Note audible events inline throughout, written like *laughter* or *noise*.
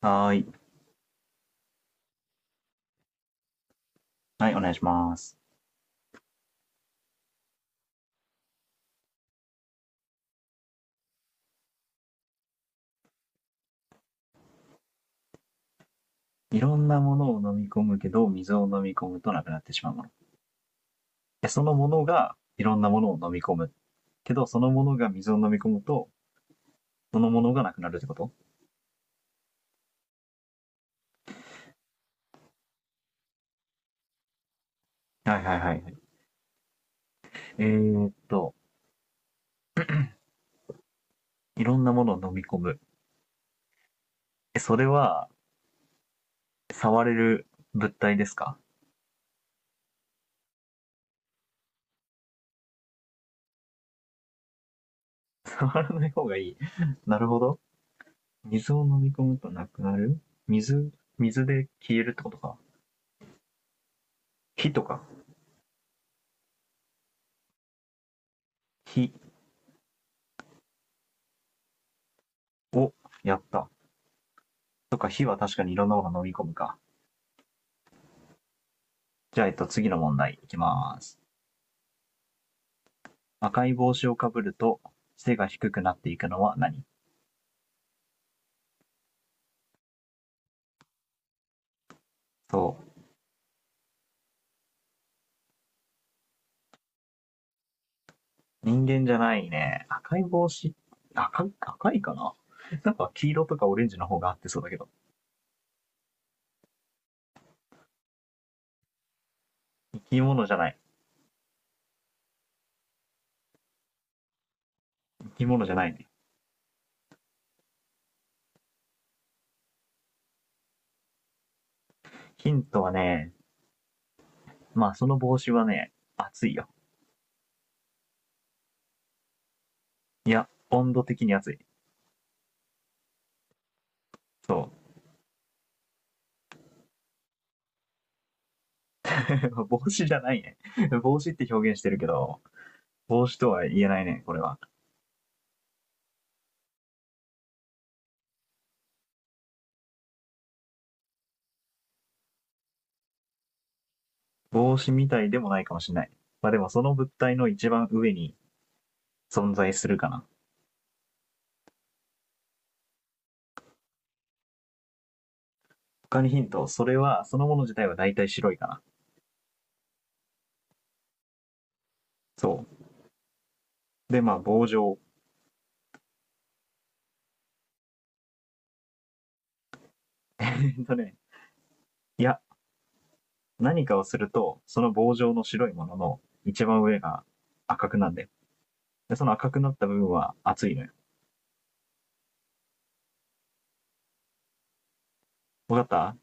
はーい。はい、お願いします。いろんなものを飲み込むけど、水を飲み込むとなくなってしまうもの。でそのものがいろんなものを飲み込む。けど、そのものが水を飲み込むと、そのものがなくなるってこと。はいはいはいはい。えー、っと、いろんなものを飲み込む。え、それは、触れる物体ですか？ *laughs* 触らない方がいい。*laughs* なるほど。水を飲み込むとなくなる水、水で消えるってことか。火とか。火を。やった。とか、火は確かにいろんなものを飲み込むか。じゃあ、次の問題いきます。赤い帽子をかぶると背が低くなっていくのは何？そう。人間じゃないね。赤い帽子、赤いかな。 *laughs* なんか黄色とかオレンジの方が合ってそうだけど。生き物じゃない。生き物じゃないね。ヒントはね、まあその帽子はね、暑いよ。いや、温度的に暑い。そう。*laughs* 帽子じゃないね。*laughs* 帽子って表現してるけど、帽子とは言えないね、これは。帽子みたいでもないかもしれない。まあでもその物体の一番上に存在するかな。他にヒント、それは、そのもの自体は大体白いかな。そう。で、まあ、棒状。えっとね、いや、何かをすると、その棒状の白いものの一番上が赤くなんだよ。で、その赤くなった部分は熱いのよ。わかった。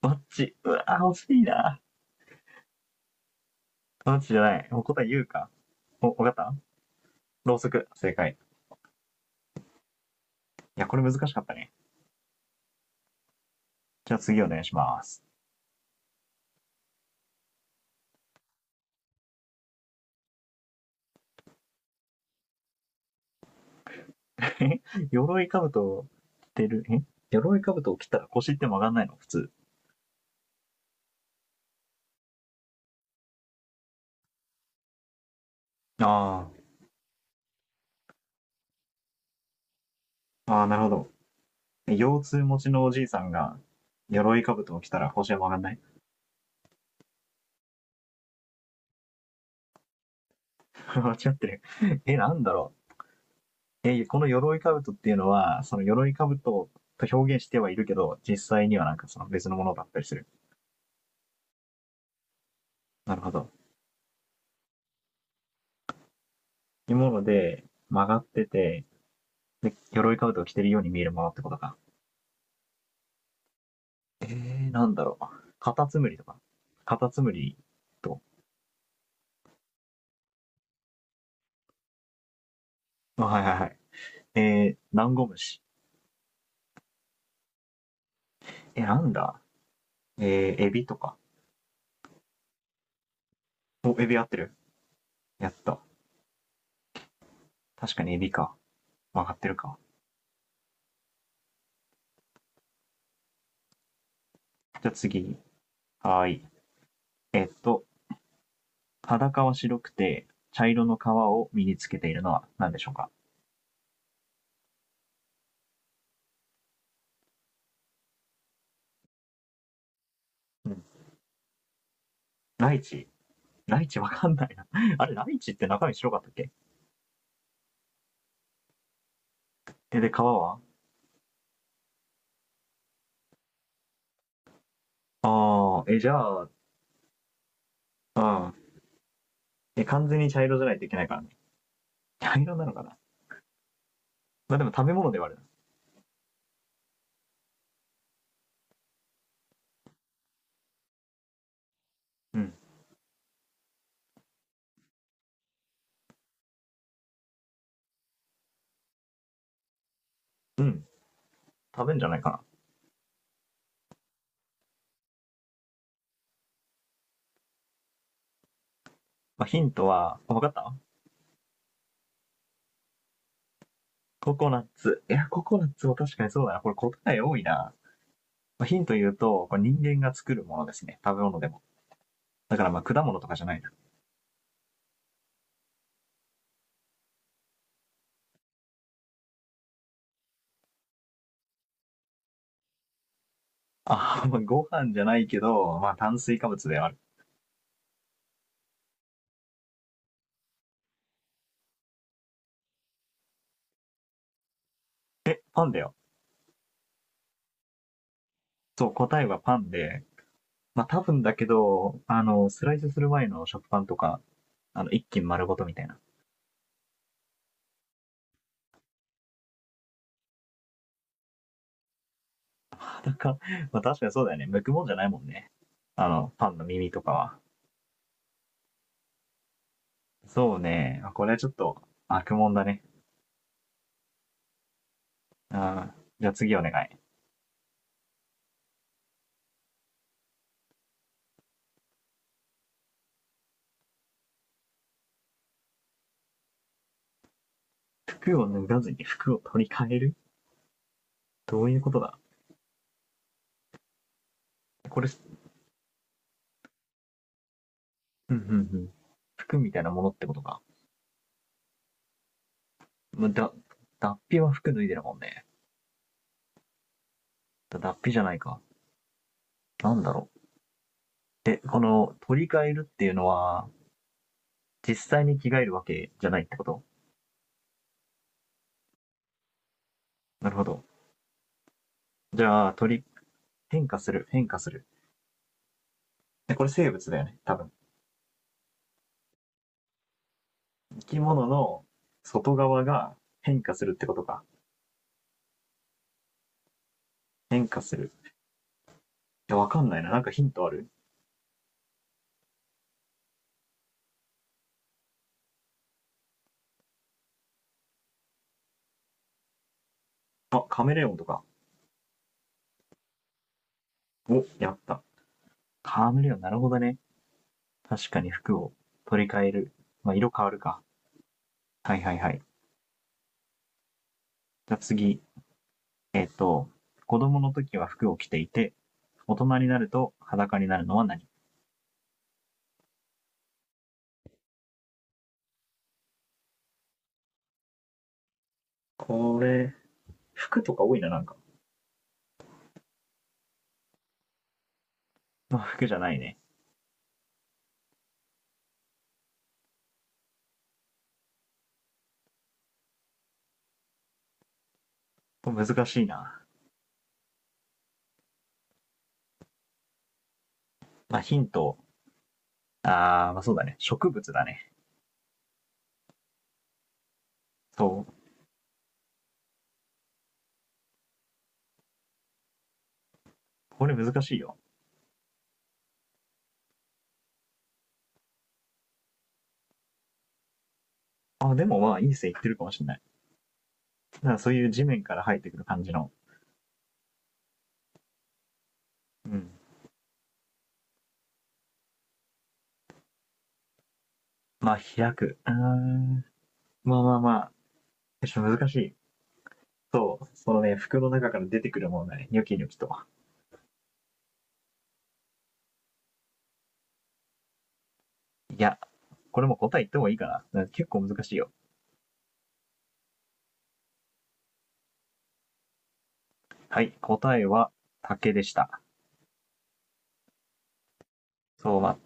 バッチ。うわぁ、惜しいな。バッチじゃない。もう答え言うか。お、わかった。ろうそく。正解。いや、これ難しかったね。じゃあ次お願いします。*laughs* 鎧兜を着てる。鎧兜を着たら腰って曲がんないの普通？ああ。ああ、なるほど。腰痛持ちのおじいさんが、鎧兜を着たら星は曲がんない。 *laughs* 間違ってる。*laughs* なんだろう。この鎧兜っていうのは、その鎧兜と表現してはいるけど、実際にはなんかその別のものだったりする。なるほど。いうもので、曲がってて、で、鎧兜を着てるように見えるものってことか。なんだろう。カタツムリとか。カタツムリと。あ、はいはいはい。えダンゴムシ。え、なんだ。エビとか。お、エビ合ってる。やった。確かにエビか。曲がってるか。じゃあ次。はい。えっと、裸は白くて、茶色の皮を身につけているのは何でしょうか？うん。ライチ。ライチわかんないな。*laughs* あれ、ライチって中身白かったっけ。え、で、皮は？ああ、え、じゃあ、うん。え、完全に茶色じゃないといけないからね。茶色なのかな？まあでも食べ物ではある。うん。うん。食べんじゃないかな。まあヒントは。わかった。ココナッツ。いや、ココナッツも確かにそうだな。これ答え多いな。品とヒント言うと、これ人間が作るものですね。食べ物でも。だからまあ果物とかじゃないな。*laughs* あ、まあご飯じゃないけど、まあ炭水化物である。パンだよ。そう、答えはパンで、まあ多分だけど、スライスする前の食パンとか、一斤丸ごとみたいな。*laughs* なんか、まあ確かにそうだよね。剥くもんじゃないもんね。パンの耳とかは。そうね。これはちょっと悪もんだね。ああ、じゃあ次お願い。服を脱がずに服を取り替える。どういうことだ？これ、うんうんうん。服みたいなものってことか。まだ、脱皮は服脱いでるもんね。脱皮じゃないか。なんだろう。この、取り替えるっていうのは、実際に着替えるわけじゃないってこと？なるほど。じゃあ、変化する、変化する。え、これ生物だよね、多分。生き物の外側が変化するってことか。変化する。いや、わかんないな。なんかヒントある？あ、カメレオンとか。お、やった。カメレオン、なるほどね。確かに服を取り替える。まあ、色変わるか。はいはいはい。じゃあ次、えっ、と、子供の時は服を着ていて、大人になると裸になるのは何？これ、服とか多いな、なんか。まあ服じゃないね。難しいな。まあヒント、まあそうだね。植物だね。そう。これ難しいよ。あ、でもまあいい線いってるかもしれない。だからそういう地面から生えてくる感じの。うん。まあ開く。まあまあまあ。ちょっと難しい。そう、そのね、服の中から出てくるものだね。ニョキニョキと。いや、これも答え言ってもいいかな。だから結構難しいよ。はい、答えは竹でした。そう、ま、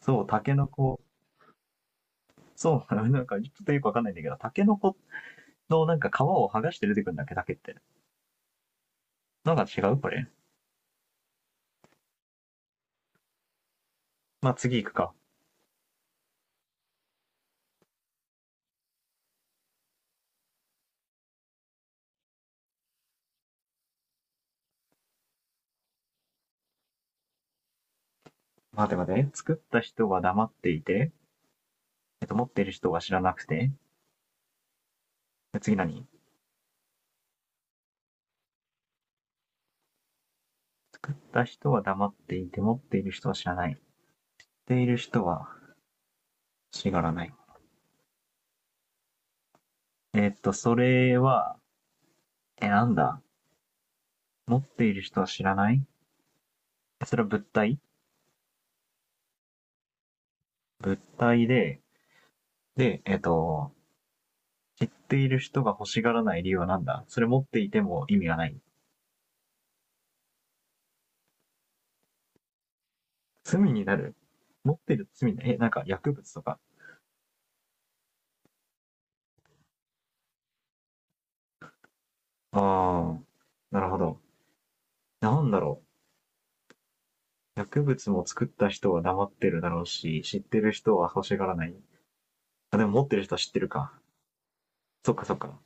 そう、竹の子、そう、*laughs* なんかちょっとよくわかんないんだけど、竹の子のなんか皮を剥がして出てくるんだっけ、竹って。なんか違うこれ。まあ、次行くか。待て待て。作った人は黙っていて、持っている人は知らなくて。次何？作った人は黙っていて、持っている人は知らない。持っている人は知らない。それは、なんだ。持っている人は知らない。それは物体？物体で、知っている人が欲しがらない理由は何だ？それ持っていても意味がない。罪になる。持ってる罪になる。え、なんか薬物とか。ああ、なるほど。なんだろう。薬物も作った人は黙ってるだろうし、知ってる人は欲しがらない。あ、でも持ってる人は知ってるか。そっかそっか。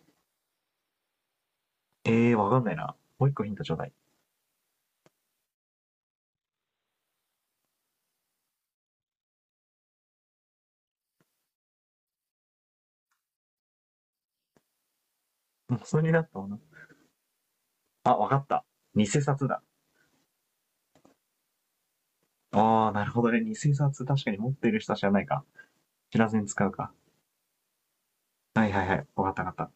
ええー、わかんないな。もう一個ヒントちょうだい。もうそれになったもんな。あ、わかった。偽札だ。ああ、なるほどね。偽札確かに持ってる人は知らないか。知らずに使うか。はいはいはい。わかったわかった。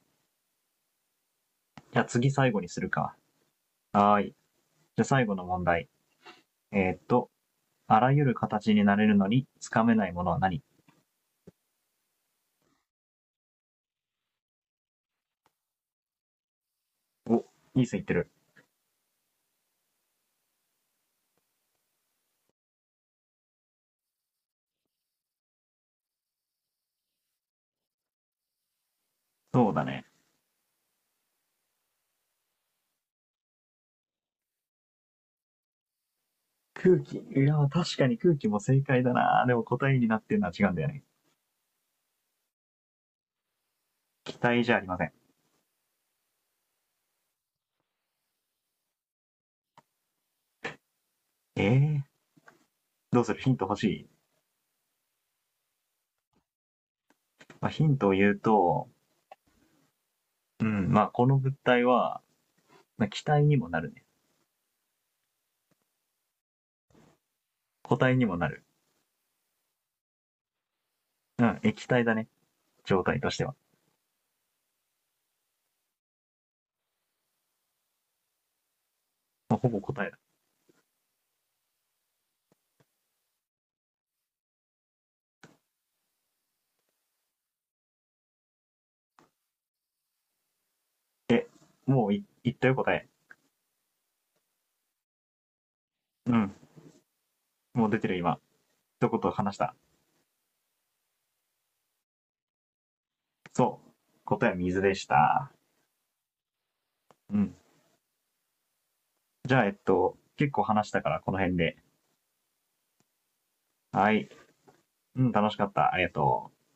じゃあ次最後にするか。はーい。じゃあ最後の問題。えーっと、あらゆる形になれるのにつかめないものは何？お、いい線いってる。そうだね。空気。いや、確かに空気も正解だな。でも答えになってるのは違うんだよね。期体じゃありません。えー、どうする。ヒント欲しい？まあ、ヒントを言うと、うん、まあこの物体は、まあ、気体にもなるね。固体にもなる。うん、液体だね。状態としては。まあ、ほぼ答えだ。もう言ったよ答え。うん、もう出てる今。一言話した。そう。答えは水でした。うん。じゃあ、結構話したからこの辺で。はい。うん、楽しかった。ありがとう。